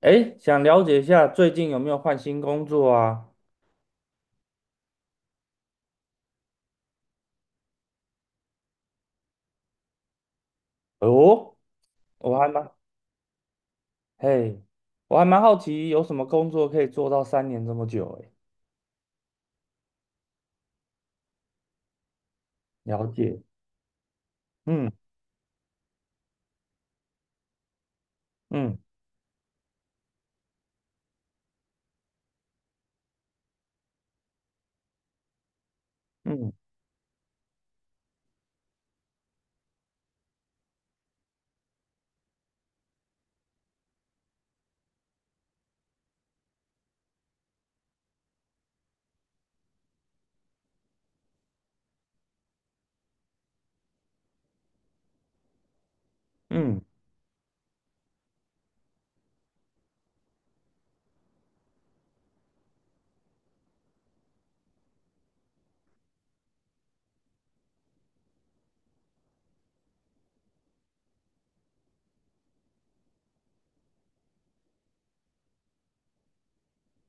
哎，想了解一下最近有没有换新工作啊？哦，我还蛮，嘿，我还蛮好奇有什么工作可以做到三年这么久哎。了解，嗯嗯嗯嗯，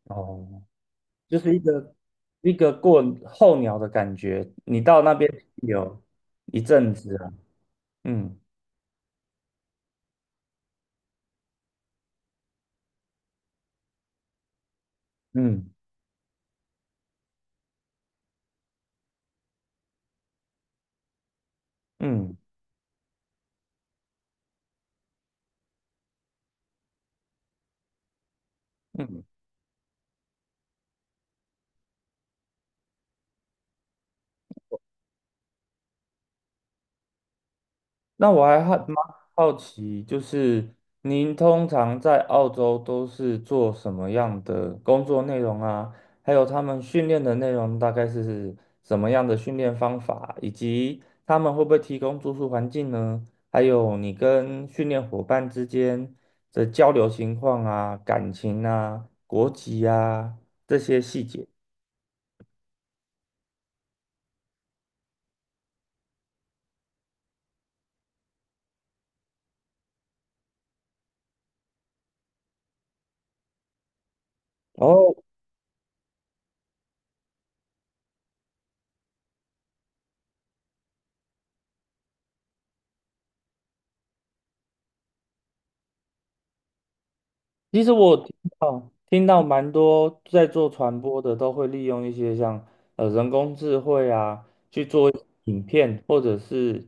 哦，就是一个过候鸟的感觉，你到那边有一阵子啊，嗯嗯嗯嗯那我还好蛮好奇，就是您通常在澳洲都是做什么样的工作内容啊？还有他们训练的内容大概是什么样的训练方法，以及他们会不会提供住宿环境呢？还有你跟训练伙伴之间的交流情况啊、感情啊、国籍啊这些细节。哦，其实我听到蛮多在做传播的都会利用一些像人工智慧啊去做影片或者是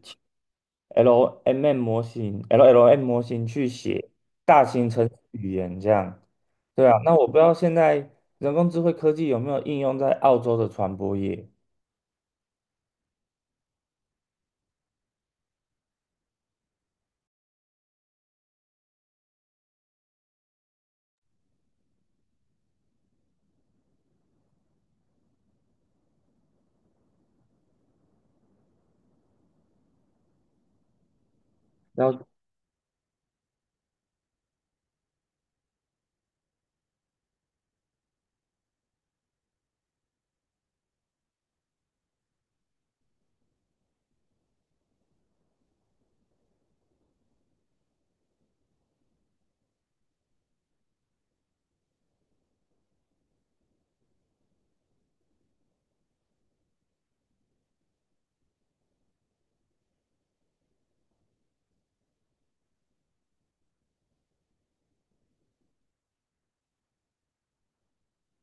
LMM 模型、LLM 模型去写大型程式语言这样。对啊，那我不知道现在人工智慧科技有没有应用在澳洲的传播业？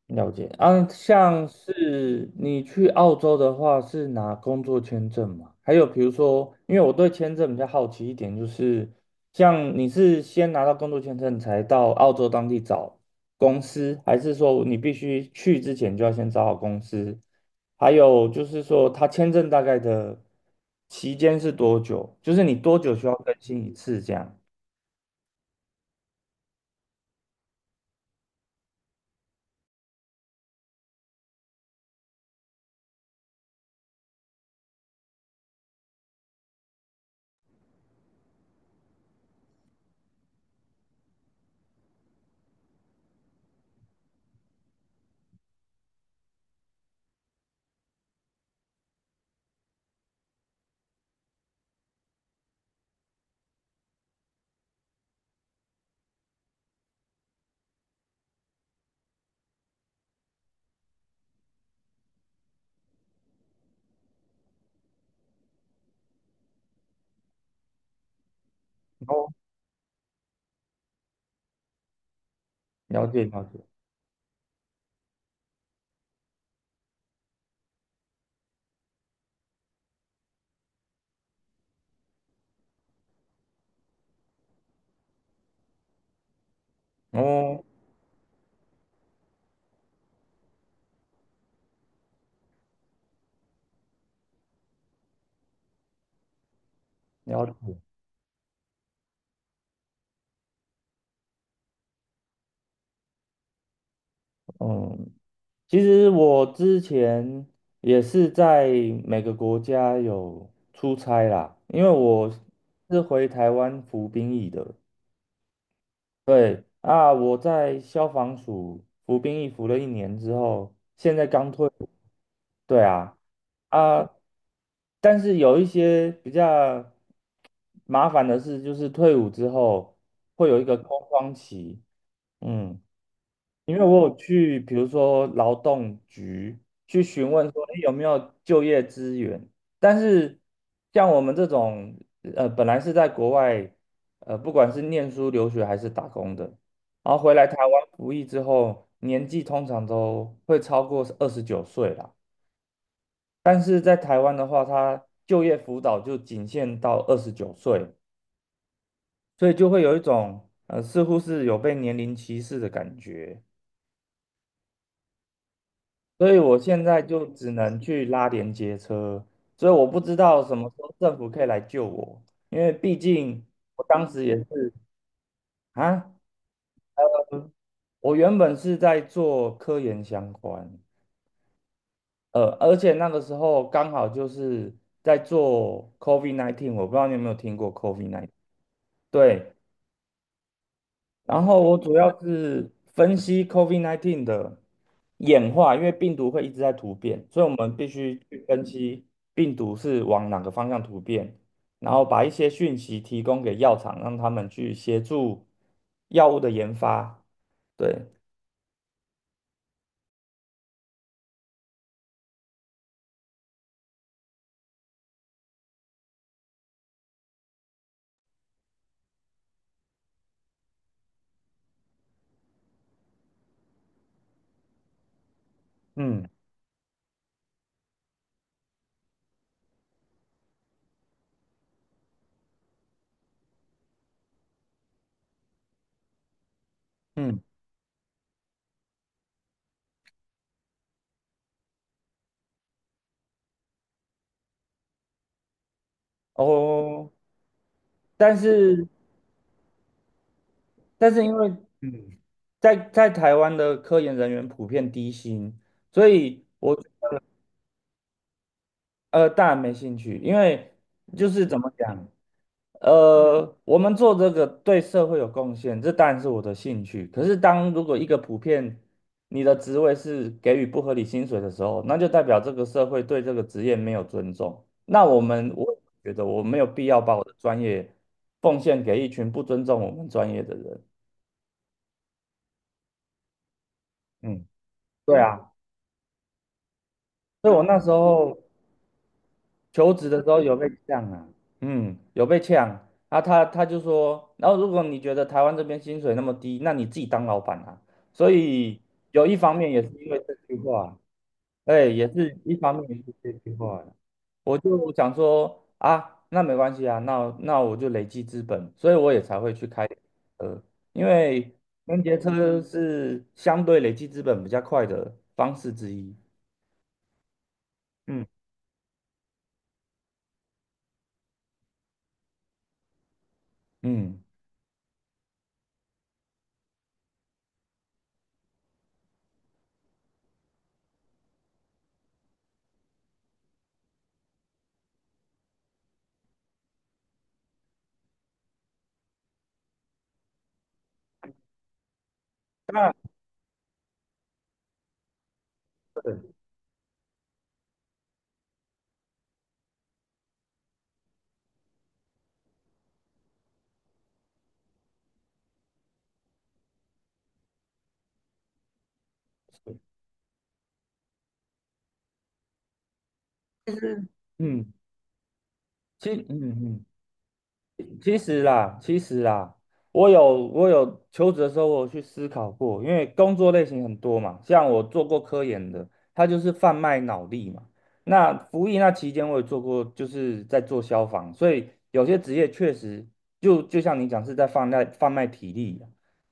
了解啊，像是你去澳洲的话，是拿工作签证嘛？还有比如说，因为我对签证比较好奇一点，就是像你是先拿到工作签证才到澳洲当地找公司，还是说你必须去之前就要先找好公司？还有就是说，他签证大概的期间是多久？就是你多久需要更新一次这样？哦，了解了解，哦，了解，嗯。其实我之前也是在每个国家有出差啦，因为我是回台湾服兵役的。对啊，我在消防署服兵役服了一年之后，现在刚退伍。对啊，啊，但是有一些比较麻烦的事，就是退伍之后会有一个空窗期。嗯。因为我有去，比如说劳动局去询问说，哎，有没有就业资源？但是像我们这种，本来是在国外，不管是念书、留学还是打工的，然后回来台湾服役之后，年纪通常都会超过二十九岁啦。但是在台湾的话，他就业辅导就仅限到二十九岁，所以就会有一种，似乎是有被年龄歧视的感觉。所以我现在就只能去拉连接车，所以我不知道什么时候政府可以来救我，因为毕竟我当时也是啊，我原本是在做科研相关，而且那个时候刚好就是在做 COVID-19，我不知道你有没有听过 COVID-19，对，然后我主要是分析 COVID-19 的演化，因为病毒会一直在突变，所以我们必须去分析病毒是往哪个方向突变，然后把一些讯息提供给药厂，让他们去协助药物的研发。对，嗯嗯，哦，但是但是因为嗯，在台湾的科研人员普遍低薪，所以我当然没兴趣，因为就是怎么讲。我们做这个对社会有贡献，这当然是我的兴趣。可是，当如果一个普遍你的职位是给予不合理薪水的时候，那就代表这个社会对这个职业没有尊重。那我们，我觉得我没有必要把我的专业奉献给一群不尊重我们专业的人。嗯，对啊，所以我那时候。求职的时候有被呛啊，嗯，有被呛啊他就说，然后如果你觉得台湾这边薪水那么低，那你自己当老板啊。所以有一方面也是因为这句话，哎，也是一方面也是这句话，我就想说啊，那没关系啊，那我就累积资本，所以我也才会去开呃，因为连接车是相对累积资本比较快的方式之一。嗯嗯嗯，其实嗯嗯。其实啦，其实啦，我有求职的时候，我有去思考过，因为工作类型很多嘛，像我做过科研的，它就是贩卖脑力嘛。那服役那期间，我也做过，就是在做消防，所以有些职业确实就像你讲是在贩卖体力啊。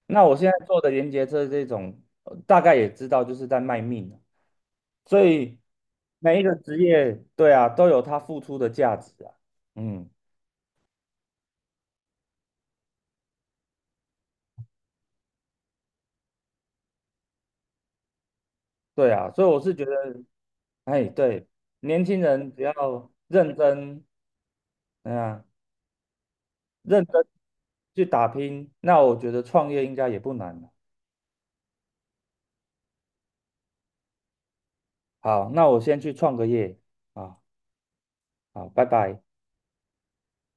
那我现在做的连接车这种，大概也知道就是在卖命啊，所以每一个职业，对啊，都有它付出的价值啊，嗯。对啊，所以我是觉得，哎，对，年轻人只要认真，嗯啊，认真去打拼，那我觉得创业应该也不难。好，那我先去创个业啊，好，拜拜。